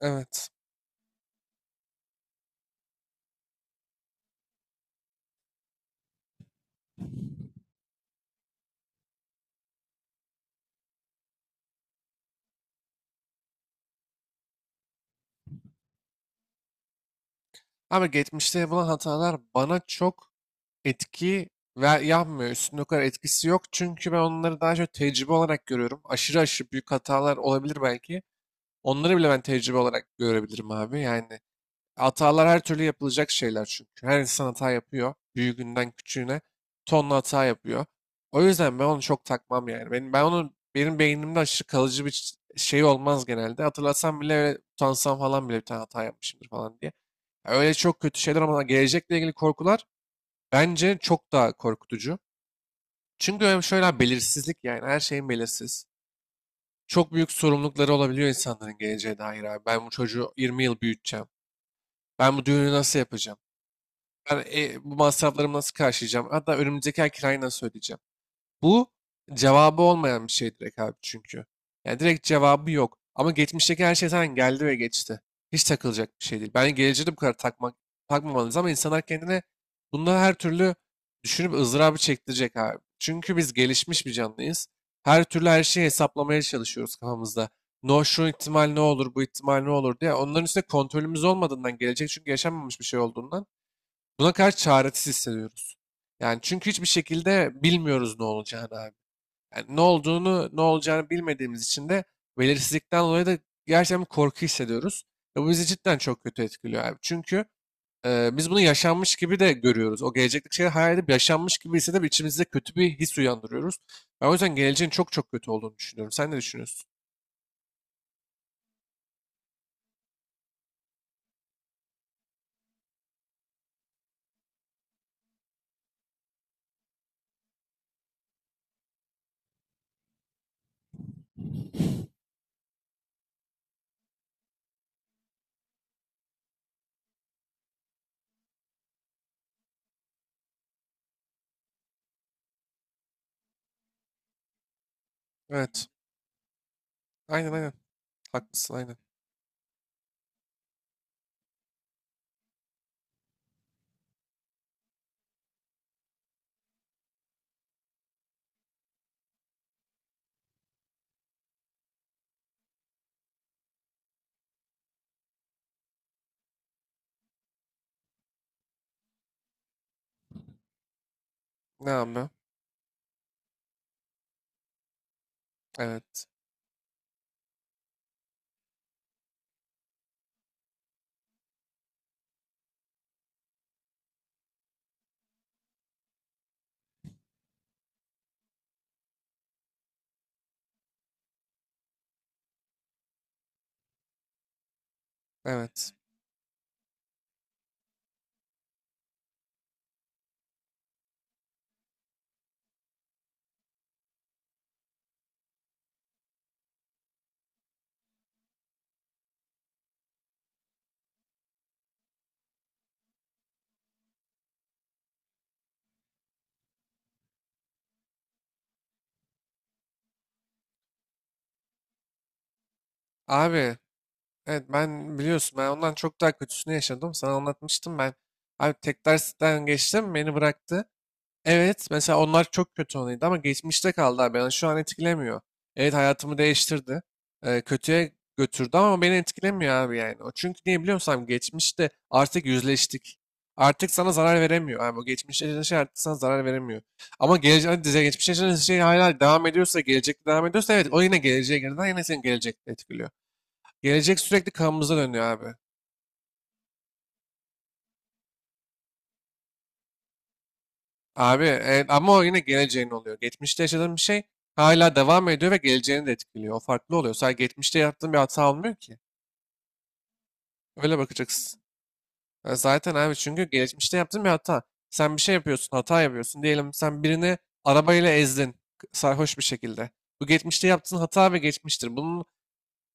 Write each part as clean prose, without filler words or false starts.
Evet. Ama geçmişte yapılan hatalar bana çok etki ve yapmıyor. Üstünde o kadar etkisi yok. Çünkü ben onları daha çok tecrübe olarak görüyorum. Aşırı aşırı büyük hatalar olabilir belki. Onları bile ben tecrübe olarak görebilirim abi. Yani hatalar her türlü yapılacak şeyler çünkü. Her insan hata yapıyor. Büyüğünden küçüğüne tonla hata yapıyor. O yüzden ben onu çok takmam yani. Ben onu benim beynimde aşırı kalıcı bir şey olmaz genelde. Hatırlasam bile öyle utansam falan bile bir tane hata yapmışımdır falan diye. Öyle çok kötü şeyler, ama gelecekle ilgili korkular bence çok daha korkutucu. Çünkü hem şöyle abi, belirsizlik, yani her şeyin belirsiz. Çok büyük sorumlulukları olabiliyor insanların geleceğe dair abi. Ben bu çocuğu 20 yıl büyüteceğim. Ben bu düğünü nasıl yapacağım? Ben bu masraflarımı nasıl karşılayacağım? Hatta önümüzdeki ay kirayı nasıl ödeyeceğim? Bu cevabı olmayan bir şey direkt abi çünkü. Yani direkt cevabı yok. Ama geçmişteki her şey zaten geldi ve geçti. Hiç takılacak bir şey değil. Bence geleceğe de bu kadar takmak, takmamalıyız, ama insanlar kendine bunları her türlü düşünüp ızdırabı çektirecek abi. Çünkü biz gelişmiş bir canlıyız. Her türlü her şeyi hesaplamaya çalışıyoruz kafamızda. No, şu ihtimal ne olur, bu ihtimal ne olur diye. Onların üstüne kontrolümüz olmadığından gelecek, çünkü yaşanmamış bir şey olduğundan. Buna karşı çaresiz hissediyoruz. Yani çünkü hiçbir şekilde bilmiyoruz ne olacağını abi. Yani ne olduğunu, ne olacağını bilmediğimiz için de, belirsizlikten dolayı da gerçekten bir korku hissediyoruz. Ve bu bizi cidden çok kötü etkiliyor abi. Çünkü biz bunu yaşanmış gibi de görüyoruz. O gelecekteki şeyi hayal edip yaşanmış gibi hissedip içimizde kötü bir his uyandırıyoruz. Ben o yüzden geleceğin çok çok kötü olduğunu düşünüyorum. Sen ne düşünüyorsun? Evet. Aynen, aynen. Haklısın, aynen. Ne abi? Evet. Evet. Abi. Evet, ben biliyorsun ben ondan çok daha kötüsünü yaşadım. Sana anlatmıştım ben. Abi tek dersten geçtim, beni bıraktı. Evet, mesela onlar çok kötü anıydı ama geçmişte kaldı abi. Yani şu an etkilemiyor. Evet, hayatımı değiştirdi. Kötüye götürdü ama beni etkilemiyor abi yani. O çünkü niye biliyor musun abi? Geçmişte artık yüzleştik. Artık sana zarar veremiyor. Abi o geçmişte yaşanan şey artık sana zarar veremiyor. Ama gelecek, hani geçmişte yaşanan şey hala devam ediyorsa, gelecekte devam ediyorsa, evet, o yine geleceğe girdiğinden yine seni gelecekte etkiliyor. Gelecek sürekli kanımıza dönüyor abi. Abi evet, ama o yine geleceğin oluyor. Geçmişte yaşadığın bir şey hala devam ediyor ve geleceğini de etkiliyor. O farklı oluyor. Sadece geçmişte yaptığın bir hata olmuyor ki. Öyle bakacaksın. Ya zaten abi çünkü geçmişte yaptığın bir hata. Sen bir şey yapıyorsun, hata yapıyorsun. Diyelim sen birini arabayla ezdin sarhoş bir şekilde. Bu geçmişte yaptığın hata ve geçmiştir.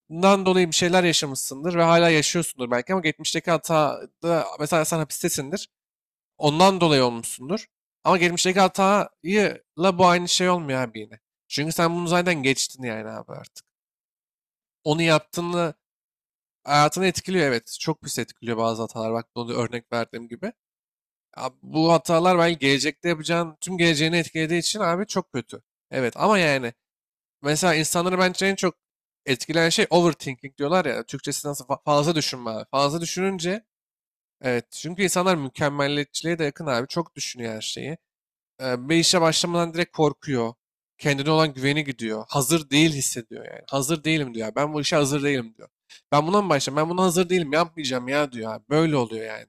Bundan dolayı bir şeyler yaşamışsındır ve hala yaşıyorsundur belki, ama geçmişteki hata da, mesela, sen hapistesindir. Ondan dolayı olmuşsundur. Ama geçmişteki hatayla bu aynı şey olmuyor abi yine. Çünkü sen bunu zaten geçtin yani abi artık. Onu yaptığını hayatını etkiliyor, evet. Çok pis etkiliyor bazı hatalar. Bak, onu örnek verdiğim gibi. Abi bu hatalar belki gelecekte yapacağın tüm geleceğini etkilediği için abi çok kötü. Evet, ama yani mesela insanları bence en çok etkileyen şey overthinking diyorlar ya. Türkçesi nasıl, fazla düşünme abi. Fazla düşününce, evet, çünkü insanlar mükemmelliyetçiliğe de yakın abi. Çok düşünüyor her şeyi. Bir işe başlamadan direkt korkuyor. Kendine olan güveni gidiyor. Hazır değil hissediyor yani. Hazır değilim diyor. Ben bu işe hazır değilim diyor. Ben buna mı başlayayım? Ben buna hazır değilim. Yapmayacağım ya diyor abi. Böyle oluyor yani.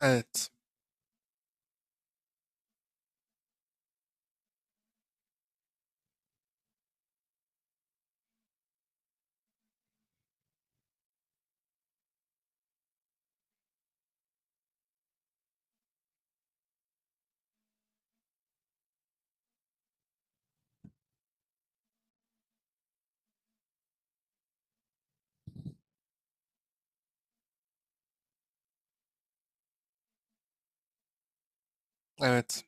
Evet. Evet.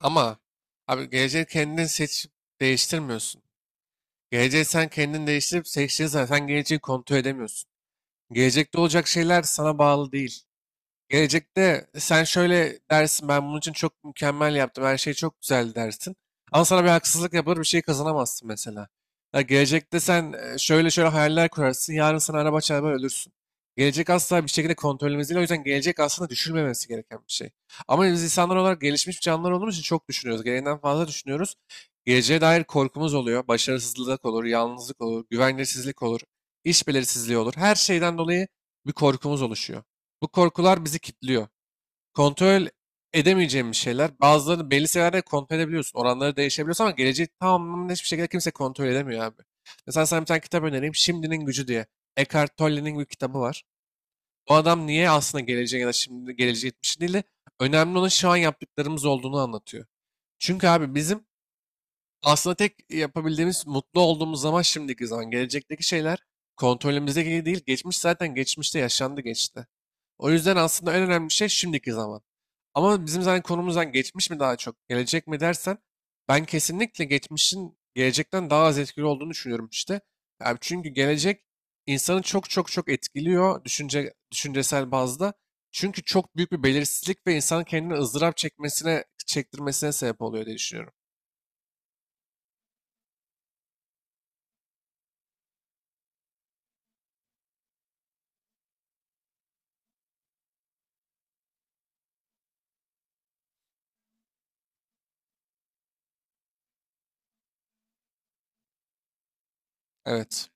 Ama abi geleceği kendin seçip değiştirmiyorsun. Geleceği sen kendin değiştirip seçtiğin zaman sen geleceği kontrol edemiyorsun. Gelecekte olacak şeyler sana bağlı değil. Gelecekte sen şöyle dersin, ben bunun için çok mükemmel yaptım, her şey çok güzel dersin. Ama sana bir haksızlık yapılır, bir şey kazanamazsın mesela. Ya gelecekte sen şöyle şöyle hayaller kurarsın, yarın sana araba çarpar, ölürsün. Gelecek asla bir şekilde kontrolümüz değil, o yüzden gelecek aslında düşünmemesi gereken bir şey. Ama biz insanlar olarak gelişmiş canlılar olduğumuz için çok düşünüyoruz. Gereğinden fazla düşünüyoruz. Geleceğe dair korkumuz oluyor. Başarısızlık olur, yalnızlık olur, güvenlisizlik olur, iş belirsizliği olur. Her şeyden dolayı bir korkumuz oluşuyor. Bu korkular bizi kilitliyor. Kontrol edemeyeceğimiz şeyler. Bazılarını belli seviyelerde kontrol edebiliyorsun. Oranları değişebiliyorsun, ama geleceği tamamen hiçbir şekilde kimse kontrol edemiyor abi. Mesela sana bir tane kitap önereyim. Şimdinin Gücü diye. Eckhart Tolle'nin bir kitabı var. O adam niye aslında geleceğe, ya da şimdi geleceğe gitmiş değil de, önemli olan şu an yaptıklarımız olduğunu anlatıyor. Çünkü abi bizim aslında tek yapabildiğimiz mutlu olduğumuz zaman şimdiki zaman. Gelecekteki şeyler kontrolümüzdeki değil. Geçmiş zaten geçmişte yaşandı, geçti. O yüzden aslında en önemli şey şimdiki zaman. Ama bizim zaten konumuzdan geçmiş mi daha çok, gelecek mi dersen, ben kesinlikle geçmişin gelecekten daha az etkili olduğunu düşünüyorum işte. Yani çünkü gelecek insanı çok çok çok etkiliyor düşünce, düşüncesel bazda. Çünkü çok büyük bir belirsizlik ve insanın kendini ızdırap çekmesine, çektirmesine sebep oluyor diye düşünüyorum. Evet.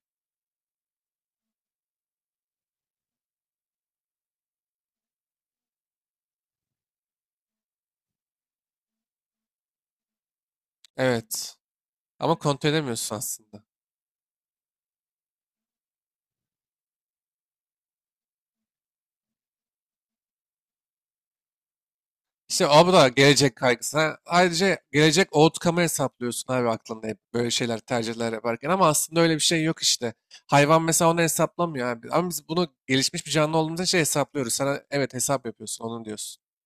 Evet. Ama kontrol edemiyorsun aslında. İşte o da gelecek kaygısı, ayrıca gelecek outcome'ı hesaplıyorsun abi aklında, hep böyle şeyler tercihler yaparken. Ama aslında öyle bir şey yok işte. Hayvan mesela onu hesaplamıyor abi. Ama biz bunu gelişmiş bir canlı olduğumuz için şey hesaplıyoruz. Sana evet hesap yapıyorsun onu diyorsun.